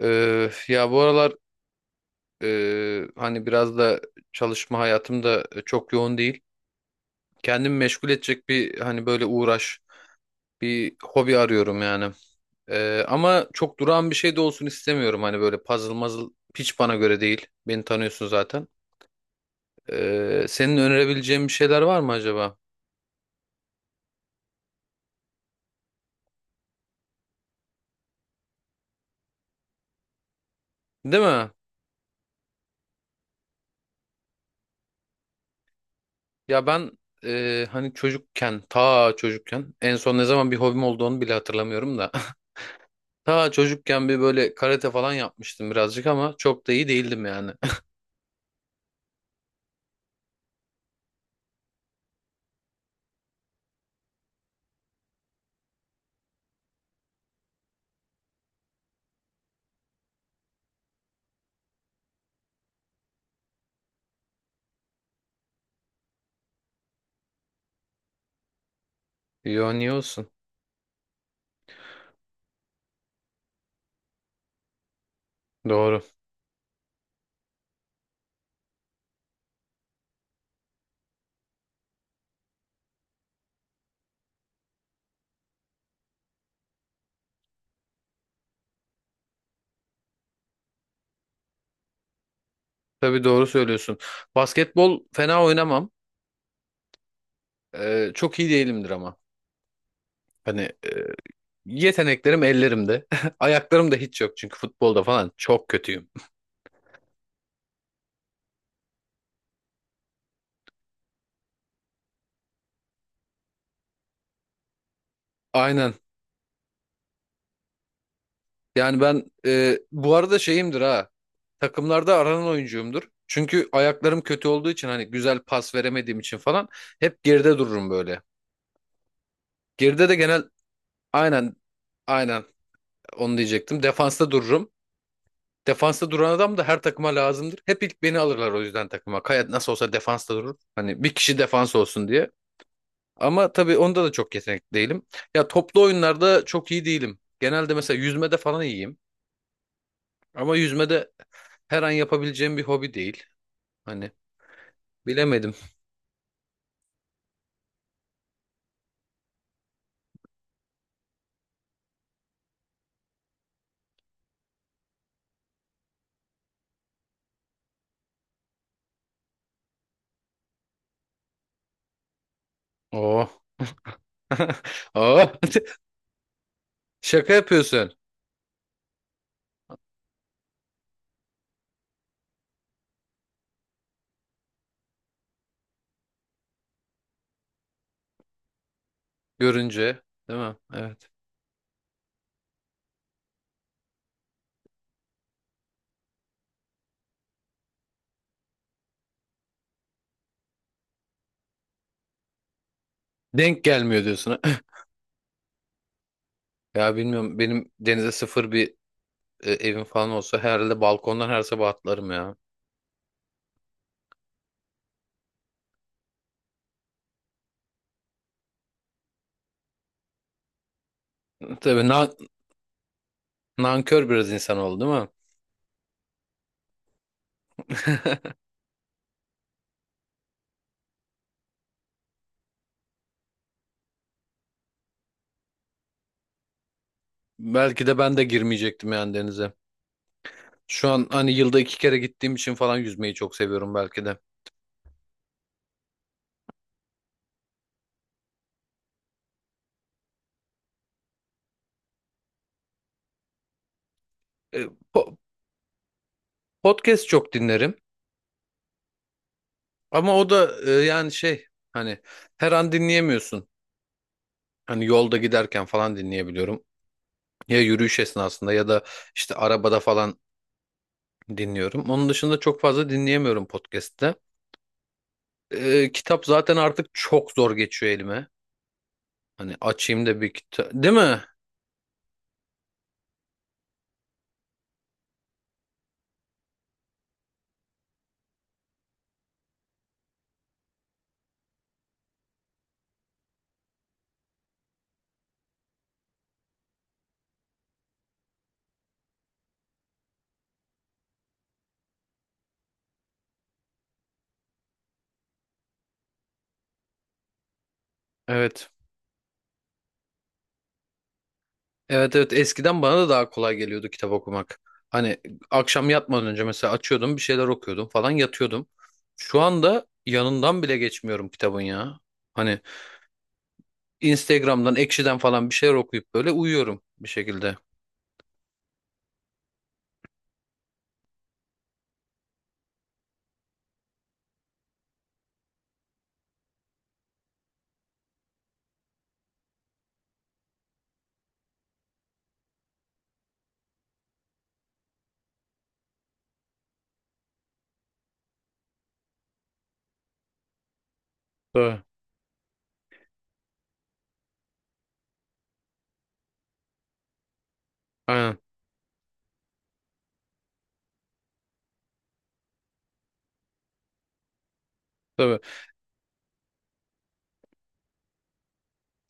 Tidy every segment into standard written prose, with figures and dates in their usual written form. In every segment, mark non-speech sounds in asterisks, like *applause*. Ya bu aralar hani biraz da çalışma hayatım da çok yoğun değil. Kendimi meşgul edecek bir hani böyle uğraş, bir hobi arıyorum yani. Ama çok durağan bir şey de olsun istemiyorum. Hani böyle puzzle mazıl hiç bana göre değil. Beni tanıyorsun zaten. Senin önerebileceğin bir şeyler var mı acaba? Değil mi? Ya ben hani çocukken, ta çocukken en son ne zaman bir hobim olduğunu bile hatırlamıyorum da. Ta çocukken bir böyle karate falan yapmıştım birazcık ama çok da iyi değildim yani. *laughs* Yo niye olsun? Doğru. Tabii doğru söylüyorsun. Basketbol fena oynamam. Çok iyi değilimdir ama. Hani yeteneklerim ellerimde. *laughs* Ayaklarım da hiç yok çünkü futbolda falan çok kötüyüm. Aynen. Yani ben bu arada şeyimdir ha. Takımlarda aranan oyuncuyumdur. Çünkü ayaklarım kötü olduğu için hani güzel pas veremediğim için falan hep geride dururum böyle. Geride de genel aynen. Aynen. Onu diyecektim. Defansta dururum. Defansta duran adam da her takıma lazımdır. Hep ilk beni alırlar o yüzden takıma. Kaya nasıl olsa defansta durur. Hani bir kişi defans olsun diye. Ama tabii onda da çok yetenekli değilim. Ya toplu oyunlarda çok iyi değilim. Genelde mesela yüzmede falan iyiyim. Ama yüzmede her an yapabileceğim bir hobi değil. Hani bilemedim. Oo. *laughs* Oo. *laughs* Şaka yapıyorsun görünce. Değil mi? Evet. Denk gelmiyor diyorsun. *laughs* Ya bilmiyorum benim denize sıfır bir evim falan olsa herhalde balkondan her sabah atlarım ya. *laughs* Tabii na- Nankör biraz insan oldu değil mi? *laughs* Belki de ben de girmeyecektim yani denize. Şu an hani yılda iki kere gittiğim için falan yüzmeyi çok seviyorum belki de. E, po- Podcast çok dinlerim ama o da yani şey hani her an dinleyemiyorsun. Hani yolda giderken falan dinleyebiliyorum. Ya yürüyüş esnasında ya da işte arabada falan dinliyorum. Onun dışında çok fazla dinleyemiyorum podcast'te. E, kitap zaten artık çok zor geçiyor elime. Hani açayım da bir kitap. Değil mi? Evet. Evet evet, eskiden bana da daha kolay geliyordu kitap okumak. Hani akşam yatmadan önce mesela açıyordum bir şeyler okuyordum falan yatıyordum. Şu anda yanından bile geçmiyorum kitabın ya. Hani Instagram'dan, Ekşi'den falan bir şeyler okuyup böyle uyuyorum bir şekilde. Tabii. Aynen. Tabii.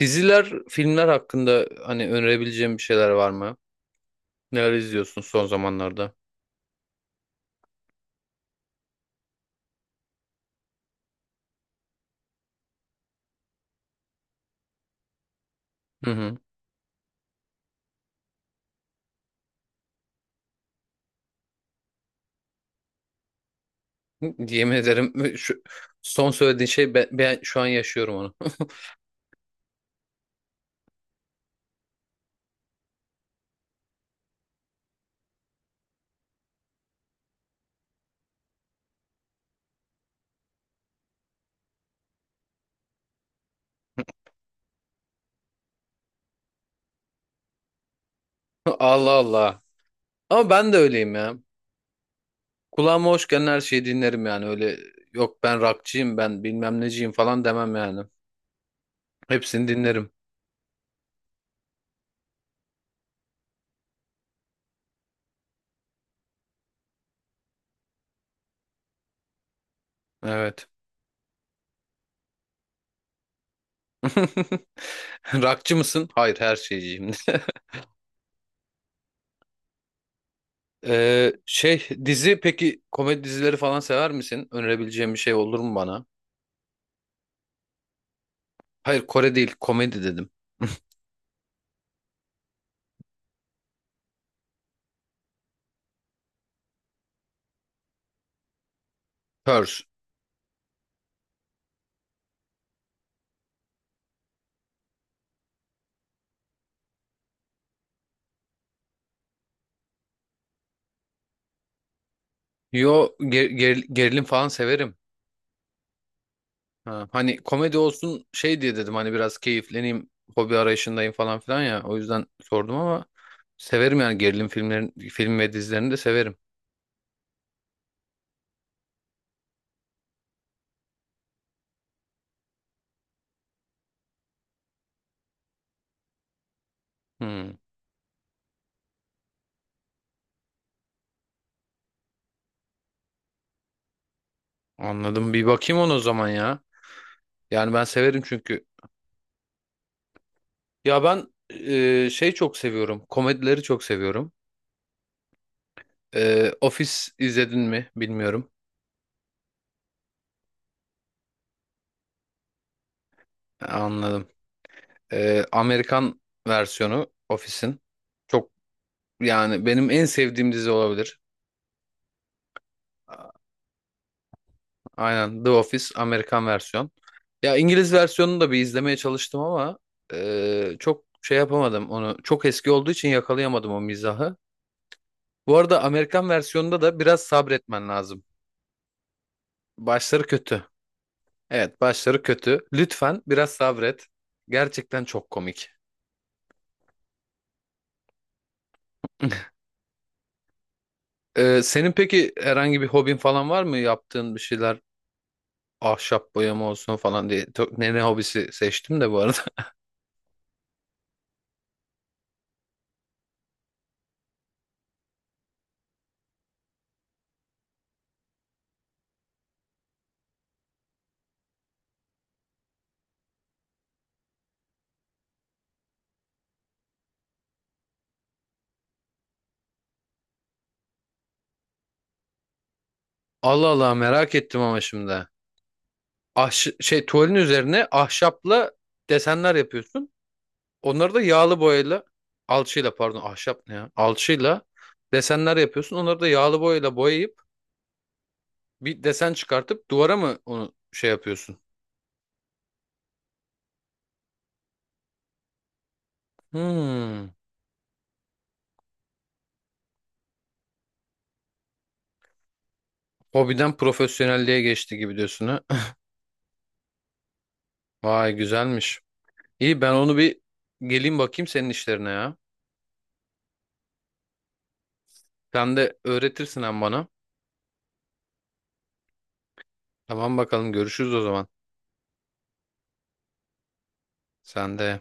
Diziler, filmler hakkında hani önerebileceğim bir şeyler var mı? Neler izliyorsun son zamanlarda? Hı hı. Yemin ederim *laughs* şu son söylediğin şey ben şu an yaşıyorum onu. *laughs* Allah Allah. Ama ben de öyleyim ya. Kulağıma hoş gelen her şeyi dinlerim yani. Öyle yok ben rockçıyım ben bilmem neciyim falan demem yani. Hepsini dinlerim. Evet. *laughs* Rockçı mısın? Hayır, her şeyciyim. *laughs* Şey dizi peki komedi dizileri falan sever misin? Önerebileceğim bir şey olur mu bana? Hayır Kore değil, komedi dedim. Purs. Gerilim falan severim. Ha, hani komedi olsun şey diye dedim hani biraz keyifleneyim hobi arayışındayım falan filan ya o yüzden sordum ama severim yani gerilim filmlerin film ve dizilerini de severim. Hmm, anladım bir bakayım ona o zaman ya. Yani ben severim çünkü. Ya ben şey çok seviyorum, komedileri çok seviyorum. E, Office izledin mi bilmiyorum. Ha, anladım. E, Amerikan versiyonu Office'in çok yani benim en sevdiğim dizi olabilir. Aynen, The Office Amerikan versiyon. Ya İngiliz versiyonunu da bir izlemeye çalıştım ama çok şey yapamadım onu. Çok eski olduğu için yakalayamadım o mizahı. Bu arada Amerikan versiyonunda da biraz sabretmen lazım. Başları kötü. Evet, başları kötü. Lütfen biraz sabret. Gerçekten çok komik. *laughs* E, senin peki herhangi bir hobin falan var mı? Yaptığın bir şeyler ahşap boyama olsun falan diye. Ne ne hobisi seçtim de bu arada. *laughs* Allah Allah, merak ettim ama şimdi. Şey, tuvalin üzerine ahşapla desenler yapıyorsun. Onları da yağlı boyayla alçıyla, pardon ahşap ne ya? Alçıyla desenler yapıyorsun. Onları da yağlı boyayla boyayıp bir desen çıkartıp duvara mı onu şey yapıyorsun? Hmm. Hobiden profesyonelliğe geçti gibi diyorsun ha. *laughs* Vay güzelmiş. İyi ben onu bir geleyim bakayım senin işlerine ya. Sen de öğretirsin hem bana. Tamam bakalım, görüşürüz o zaman. Sen de.